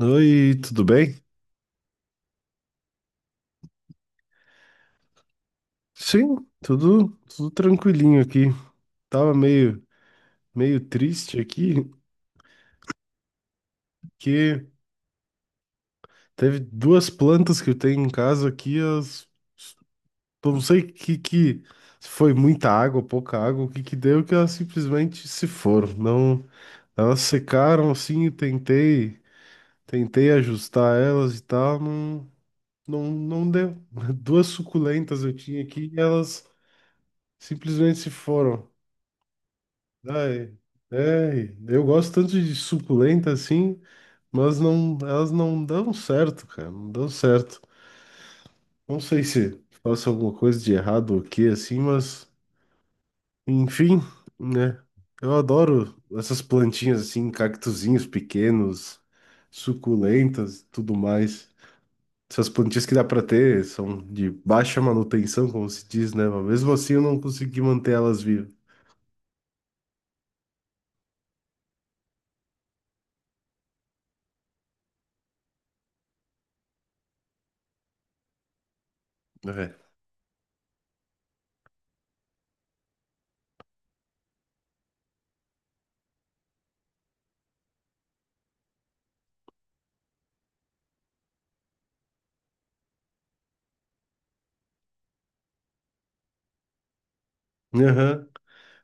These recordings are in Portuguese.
Oi, tudo bem? Sim, tudo, tudo, tranquilinho aqui. Tava meio triste aqui, que teve duas plantas que eu tenho em casa aqui, eu não sei que se foi muita água, pouca água, o que que deu, que elas simplesmente se foram. Não, elas secaram assim, eu tentei ajustar elas e tal, não, não, não deu. Duas suculentas eu tinha aqui e elas simplesmente se foram. Ai, ai, eu gosto tanto de suculenta assim, mas não, elas não dão certo, cara, não dão certo. Não sei se faço alguma coisa de errado ou o que assim, mas enfim, né? Eu adoro essas plantinhas assim, cactuzinhos pequenos, suculentas, tudo mais. Essas plantinhas que dá pra ter são de baixa manutenção, como se diz, né? Mas mesmo assim eu não consegui manter elas vivas. É. Aham.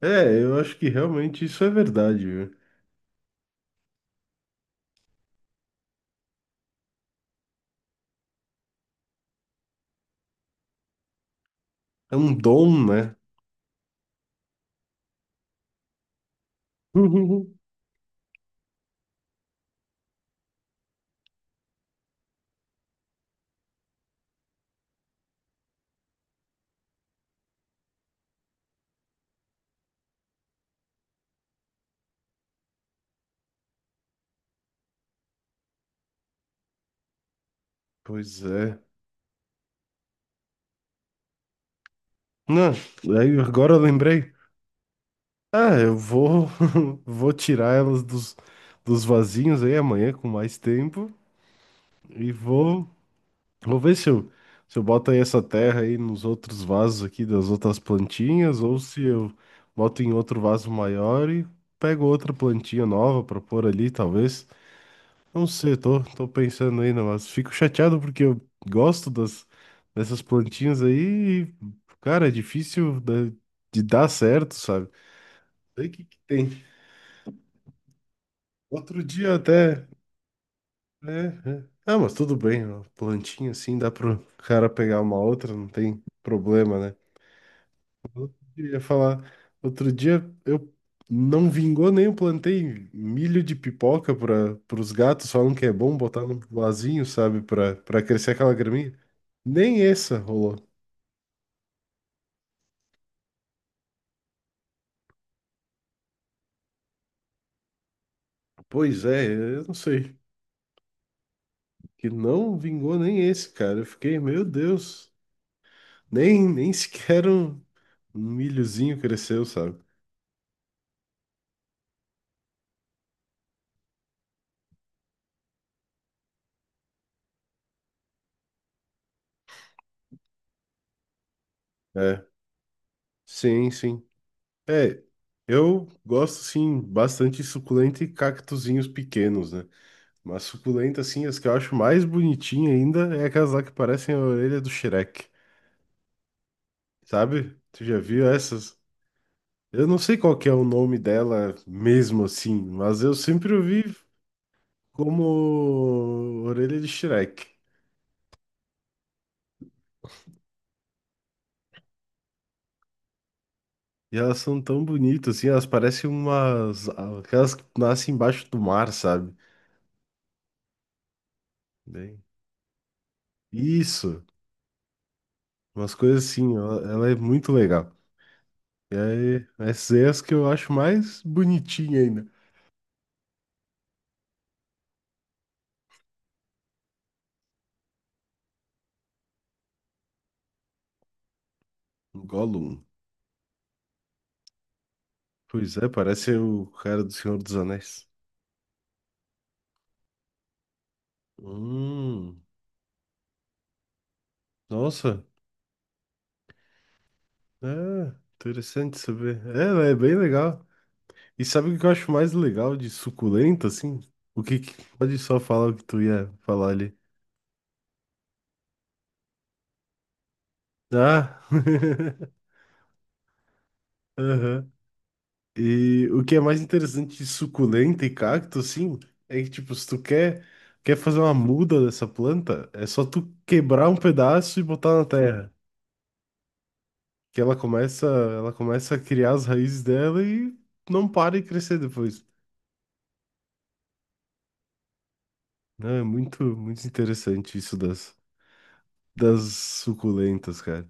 É, eu acho que realmente isso é verdade. É um dom, né? Pois é. Não, aí agora eu lembrei. Ah, eu vou, vou tirar elas dos, vasinhos aí amanhã com mais tempo e vou, ver se eu boto aí essa terra aí nos outros vasos aqui das outras plantinhas ou se eu boto em outro vaso maior e pego outra plantinha nova para pôr ali, talvez. Não sei, tô, pensando ainda, mas fico chateado porque eu gosto das, dessas plantinhas aí e, cara, é difícil dar certo, sabe? Sei que tem. Outro dia até, né? é. Ah, mas tudo bem, ó, plantinha assim dá pro cara pegar uma outra, não tem problema, né? Eu ia falar, outro dia eu não vingou nem eu plantei milho de pipoca para os gatos, falam que é bom botar no vasinho, sabe, para crescer aquela graminha. Nem essa rolou. Pois é, eu não sei, que não vingou nem esse, cara. Eu fiquei, meu Deus, nem sequer um milhozinho cresceu, sabe? É, sim, sim. É, eu gosto sim bastante de suculenta e cactuzinhos pequenos, né? Mas suculenta, assim, as que eu acho mais bonitinha ainda é aquelas lá que parecem a orelha do Shrek, sabe? Tu já viu essas? Eu não sei qual que é o nome dela mesmo assim, mas eu sempre ouvi como orelha de Shrek. E elas são tão bonitas, assim, elas parecem umas aquelas que nascem embaixo do mar, sabe? Bem, isso, umas coisas assim, ela, é muito legal. E aí, essas aí é as que eu acho mais bonitinha ainda. Gollum. Pois é, parece o cara do Senhor dos Anéis. Hum, nossa, é interessante saber. É, né, é bem legal. E sabe o que eu acho mais legal de suculenta, assim? O que, que- pode só falar o que tu ia falar ali. Ah, aham. E o que é mais interessante de suculenta e cacto, assim, é que, tipo, se tu quer, fazer uma muda dessa planta, é só tu quebrar um pedaço e botar na terra. Que ela começa a criar as raízes dela e não para e crescer depois. Não, é muito, muito interessante isso das, das suculentas, cara.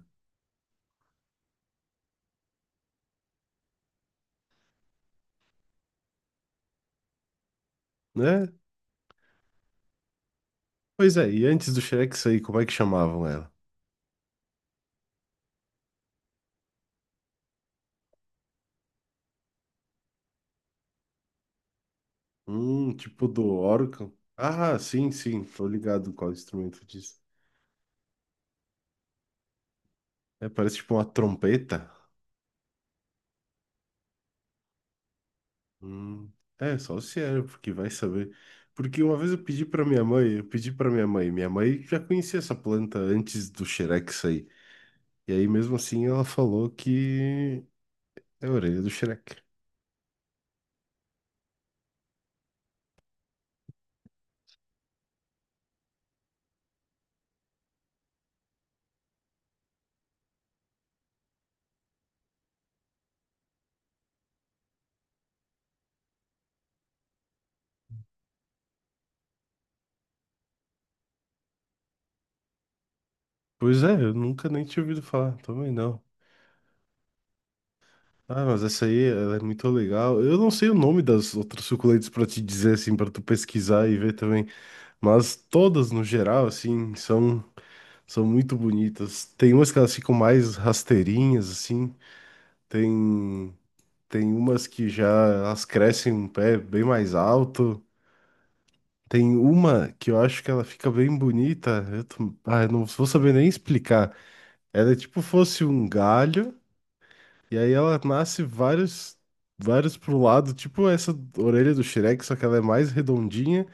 Né? Pois é, e antes do Shrek sair, como é que chamavam ela? Tipo do órgão. Ah, sim, sim, tô ligado qual instrumento diz. É, parece tipo uma trompeta. Hum, é, só se é, porque vai saber. Porque uma vez eu pedi pra minha mãe, minha mãe já conhecia essa planta antes do Shrek sair. E aí, mesmo assim, ela falou que é a orelha do Shrek. Pois é, eu nunca nem tinha ouvido falar, também não. Ah, mas essa aí, ela é muito legal. Eu não sei o nome das outras suculentas pra te dizer, assim, pra tu pesquisar e ver também. Mas todas, no geral, assim, são, muito bonitas. Tem umas que elas ficam mais rasteirinhas, assim. Tem, tem umas que já elas crescem um pé bem mais alto. Tem uma que eu acho que ela fica bem bonita. Ah, eu não vou saber nem explicar. Ela é tipo fosse um galho, e aí ela nasce vários, vários pro lado, tipo essa orelha do Shrek, só que ela é mais redondinha.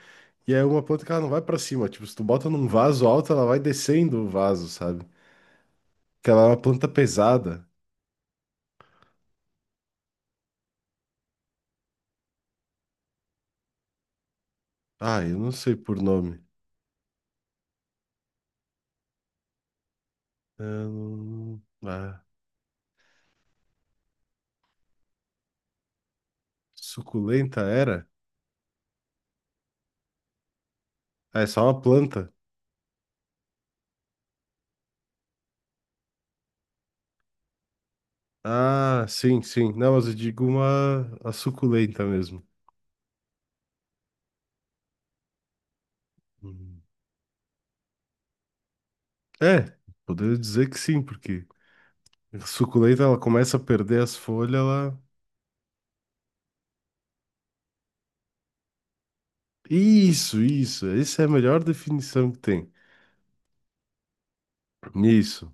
E é uma planta que ela não vai pra cima. Tipo, se tu bota num vaso alto, ela vai descendo o vaso, sabe? Que ela é uma planta pesada. Ah, eu não sei por nome. Eu não- Ah, suculenta era? Ah, é só uma planta. Ah, sim, sim. Não, mas eu digo uma a suculenta mesmo. Uhum. É, poderia dizer que sim, porque a suculenta ela começa a perder as folhas, ela. Isso, isso. Essa é a melhor definição que tem. Isso.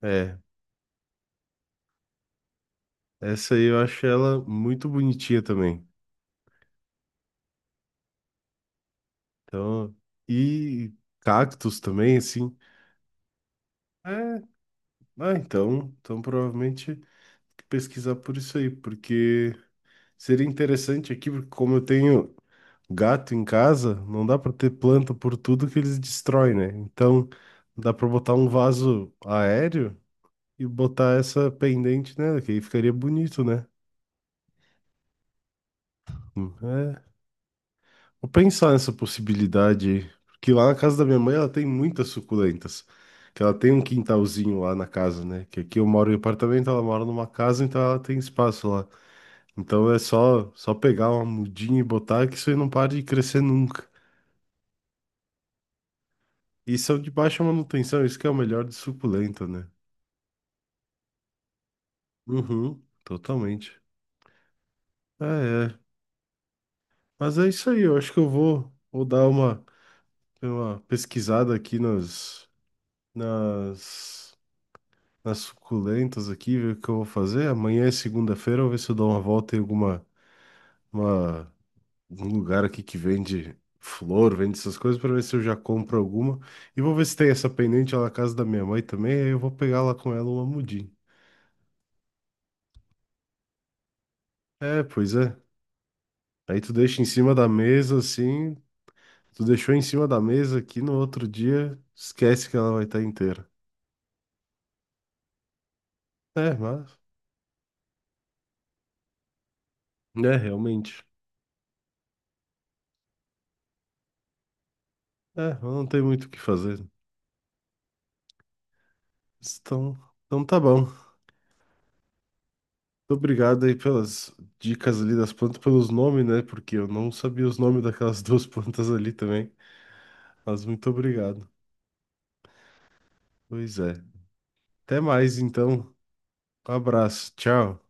É. Essa aí eu acho ela muito bonitinha também. Então, e cactos também, assim. É, ah, então, provavelmente pesquisar por isso aí, porque seria interessante aqui, porque como eu tenho gato em casa, não dá para ter planta por tudo que eles destroem, né? Então, dá para botar um vaso aéreo e botar essa pendente nela, que aí ficaria bonito, né? É, vou pensar nessa possibilidade, aí, porque lá na casa da minha mãe ela tem muitas suculentas, que ela tem um quintalzinho lá na casa, né? Que aqui eu moro em apartamento, ela mora numa casa, então ela tem espaço lá. Então é só pegar uma mudinha e botar que isso aí não para de crescer nunca. E são de baixa manutenção, isso que é o melhor de suculenta, né? Uhum, totalmente. É, é. Mas é isso aí, eu acho que eu vou, dar uma pesquisada aqui nas, nas suculentas aqui, ver o que eu vou fazer. Amanhã é segunda-feira, eu vou ver se eu dou uma volta em uma, um lugar aqui que vende flor, vende essas coisas, para ver se eu já compro alguma. E vou ver se tem essa pendente lá na casa da minha mãe também, aí eu vou pegar lá com ela uma mudinha. É, pois é. Aí tu deixa em cima da mesa assim, tu deixou em cima da mesa aqui no outro dia, esquece que ela vai estar inteira. É, mas, né, realmente. É, não tem muito o que fazer. Então, então, tá bom. Muito obrigado aí pelas dicas ali das plantas, pelos nomes, né? Porque eu não sabia os nomes daquelas duas plantas ali também. Mas muito obrigado. Pois é. Até mais então. Um abraço. Tchau.